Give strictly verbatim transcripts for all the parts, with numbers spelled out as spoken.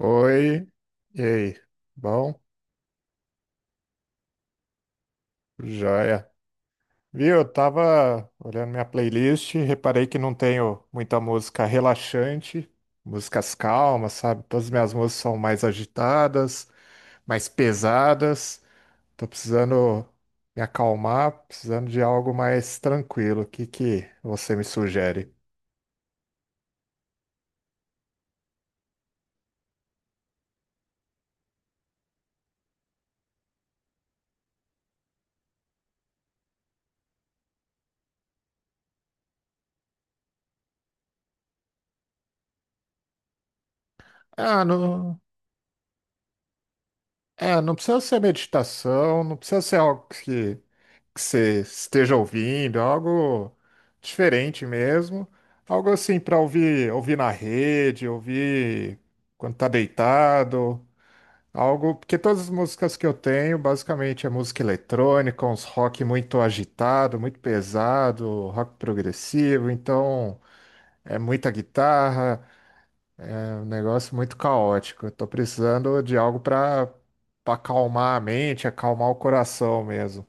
Oi, e aí? Bom, joia. Viu, eu tava olhando minha playlist, reparei que não tenho muita música relaxante, músicas calmas, sabe? Todas as minhas músicas são mais agitadas, mais pesadas. Tô precisando me acalmar, precisando de algo mais tranquilo. O que que você me sugere? Ah, não, é, não precisa ser meditação, não precisa ser algo que que você esteja ouvindo, algo diferente mesmo, algo assim para ouvir, ouvir na rede, ouvir quando tá deitado, algo, porque todas as músicas que eu tenho, basicamente é música eletrônica, uns rock muito agitado, muito pesado, rock progressivo, então é muita guitarra, é um negócio muito caótico. Eu tô precisando de algo para para acalmar a mente, acalmar o coração mesmo.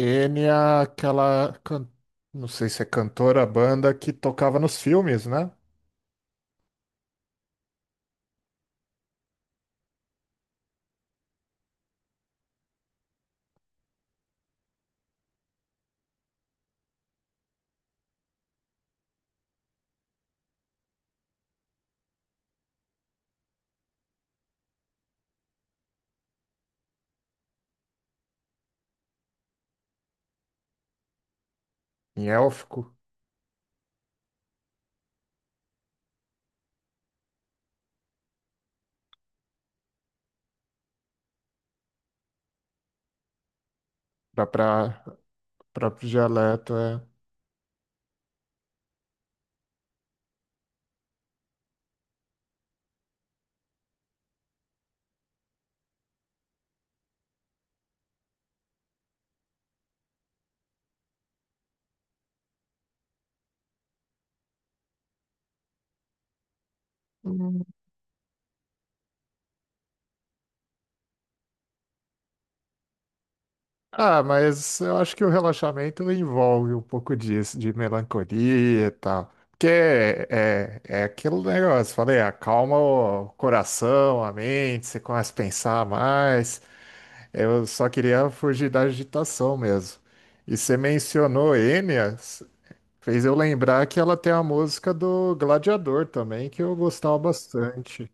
N é aquela, can- não sei se é cantora, banda que tocava nos filmes, né? Em élfico, para próprio dialeto, é. Ah, mas eu acho que o relaxamento envolve um pouco disso, de melancolia e tal. Porque é, é é aquele negócio, falei, acalma o coração, a mente, você começa a pensar mais. Eu só queria fugir da agitação mesmo. E você mencionou Enya. Fez eu lembrar que ela tem a música do Gladiador também, que eu gostava bastante.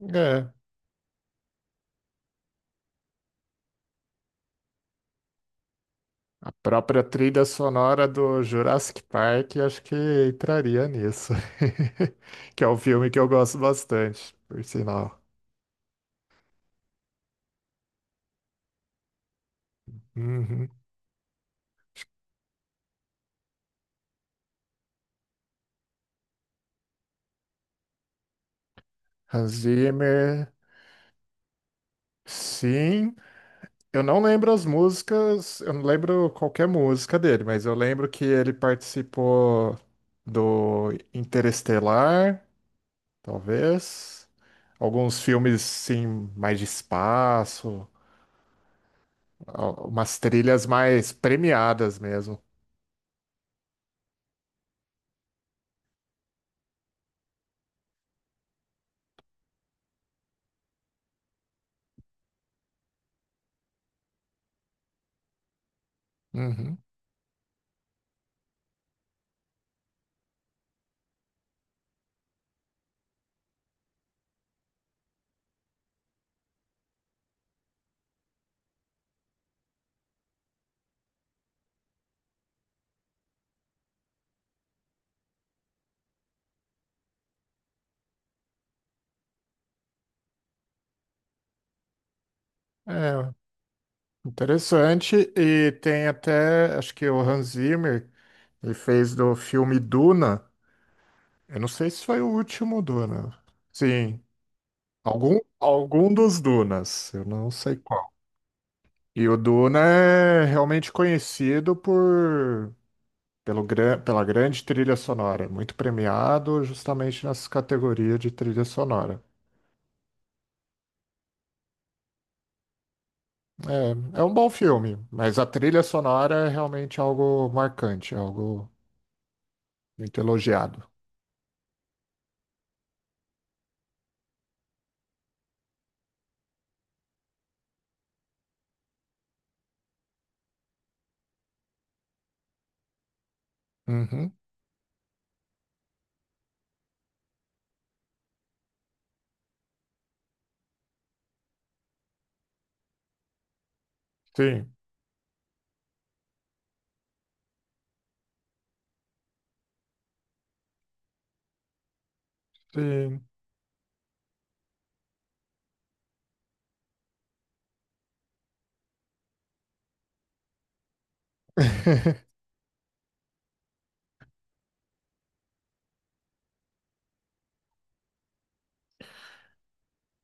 É, a própria trilha sonora do Jurassic Park, acho que entraria nisso. Que é um filme que eu gosto bastante, por sinal. Uhum. Hans Zimmer, sim. Eu não lembro as músicas, eu não lembro qualquer música dele, mas eu lembro que ele participou do Interestelar. Talvez alguns filmes sim mais de espaço, al- umas trilhas mais premiadas mesmo. Uhum. É interessante e tem até, acho que o Hans Zimmer, ele fez do filme Duna. Eu não sei se foi o último Duna. Sim, algum algum dos Dunas, eu não sei qual. E o Duna é realmente conhecido por pelo gran- pela grande trilha sonora, muito premiado justamente nessa categoria de trilha sonora. É, é um bom filme, mas a trilha sonora é realmente algo marcante, algo muito elogiado. Uhum, sim, sim.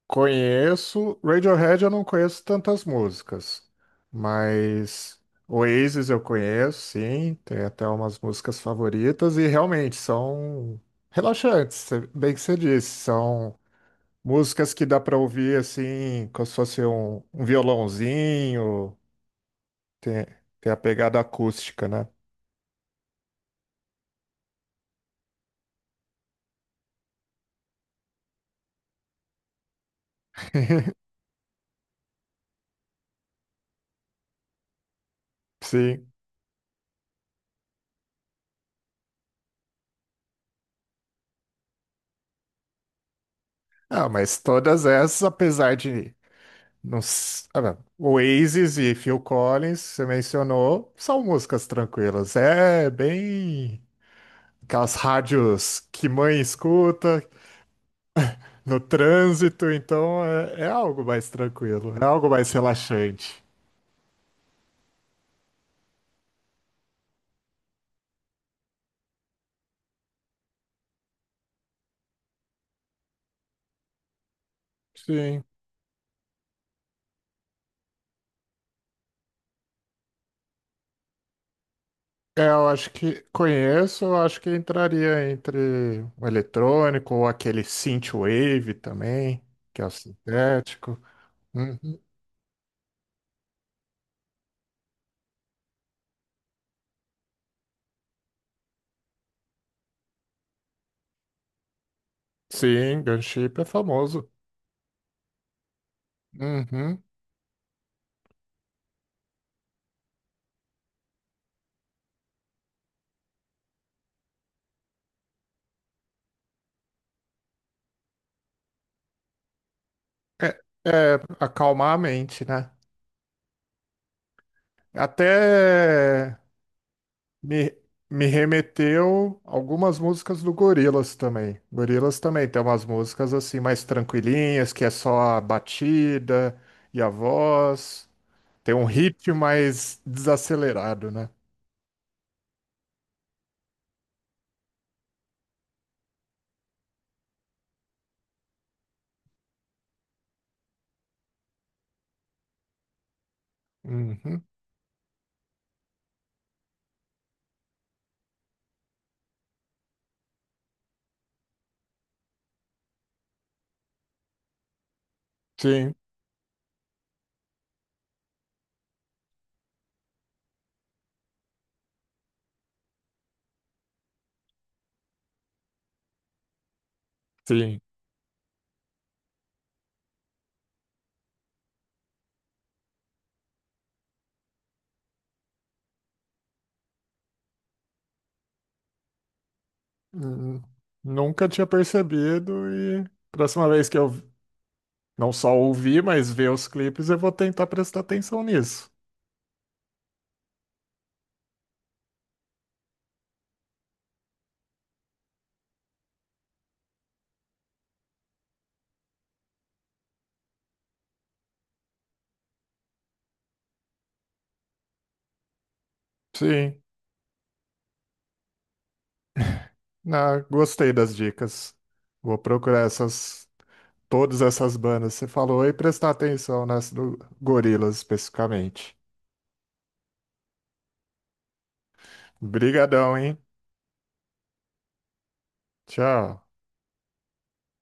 Conheço, Radiohead eu não conheço tantas músicas, mas Oasis eu conheço, sim, tem até umas músicas favoritas e realmente são relaxantes, cê- bem que você disse, são músicas que dá pra ouvir assim, como se fosse um, um violãozinho, tem, tem a pegada acústica, né? Sim. Ah, mas todas essas, apesar de não, s- ah, não, Oasis e Phil Collins, você mencionou, são músicas tranquilas. É bem aquelas rádios que mãe escuta no trânsito, então é, é algo mais tranquilo, é algo mais relaxante. Sim. É, eu acho que conheço, eu acho que entraria entre o eletrônico ou aquele synthwave também, que é o sintético. Uhum. Sim, gunship é famoso. Uhum. É, é acalmar a mente, né? Até me, me remeteu algumas músicas do Gorillaz também. Gorillaz também tem umas músicas assim mais tranquilinhas, que é só a batida e a voz. Tem um ritmo mais desacelerado, né? Uhum. Sim, sim. Hum, nunca tinha percebido e próxima vez que eu não só ouvir, mas ver os clipes, eu vou tentar prestar atenção nisso. Sim, ah, gostei das dicas. Vou procurar essas, todas essas bandas que você falou e prestar atenção nessa do Gorillaz especificamente. Brigadão, hein? Tchau.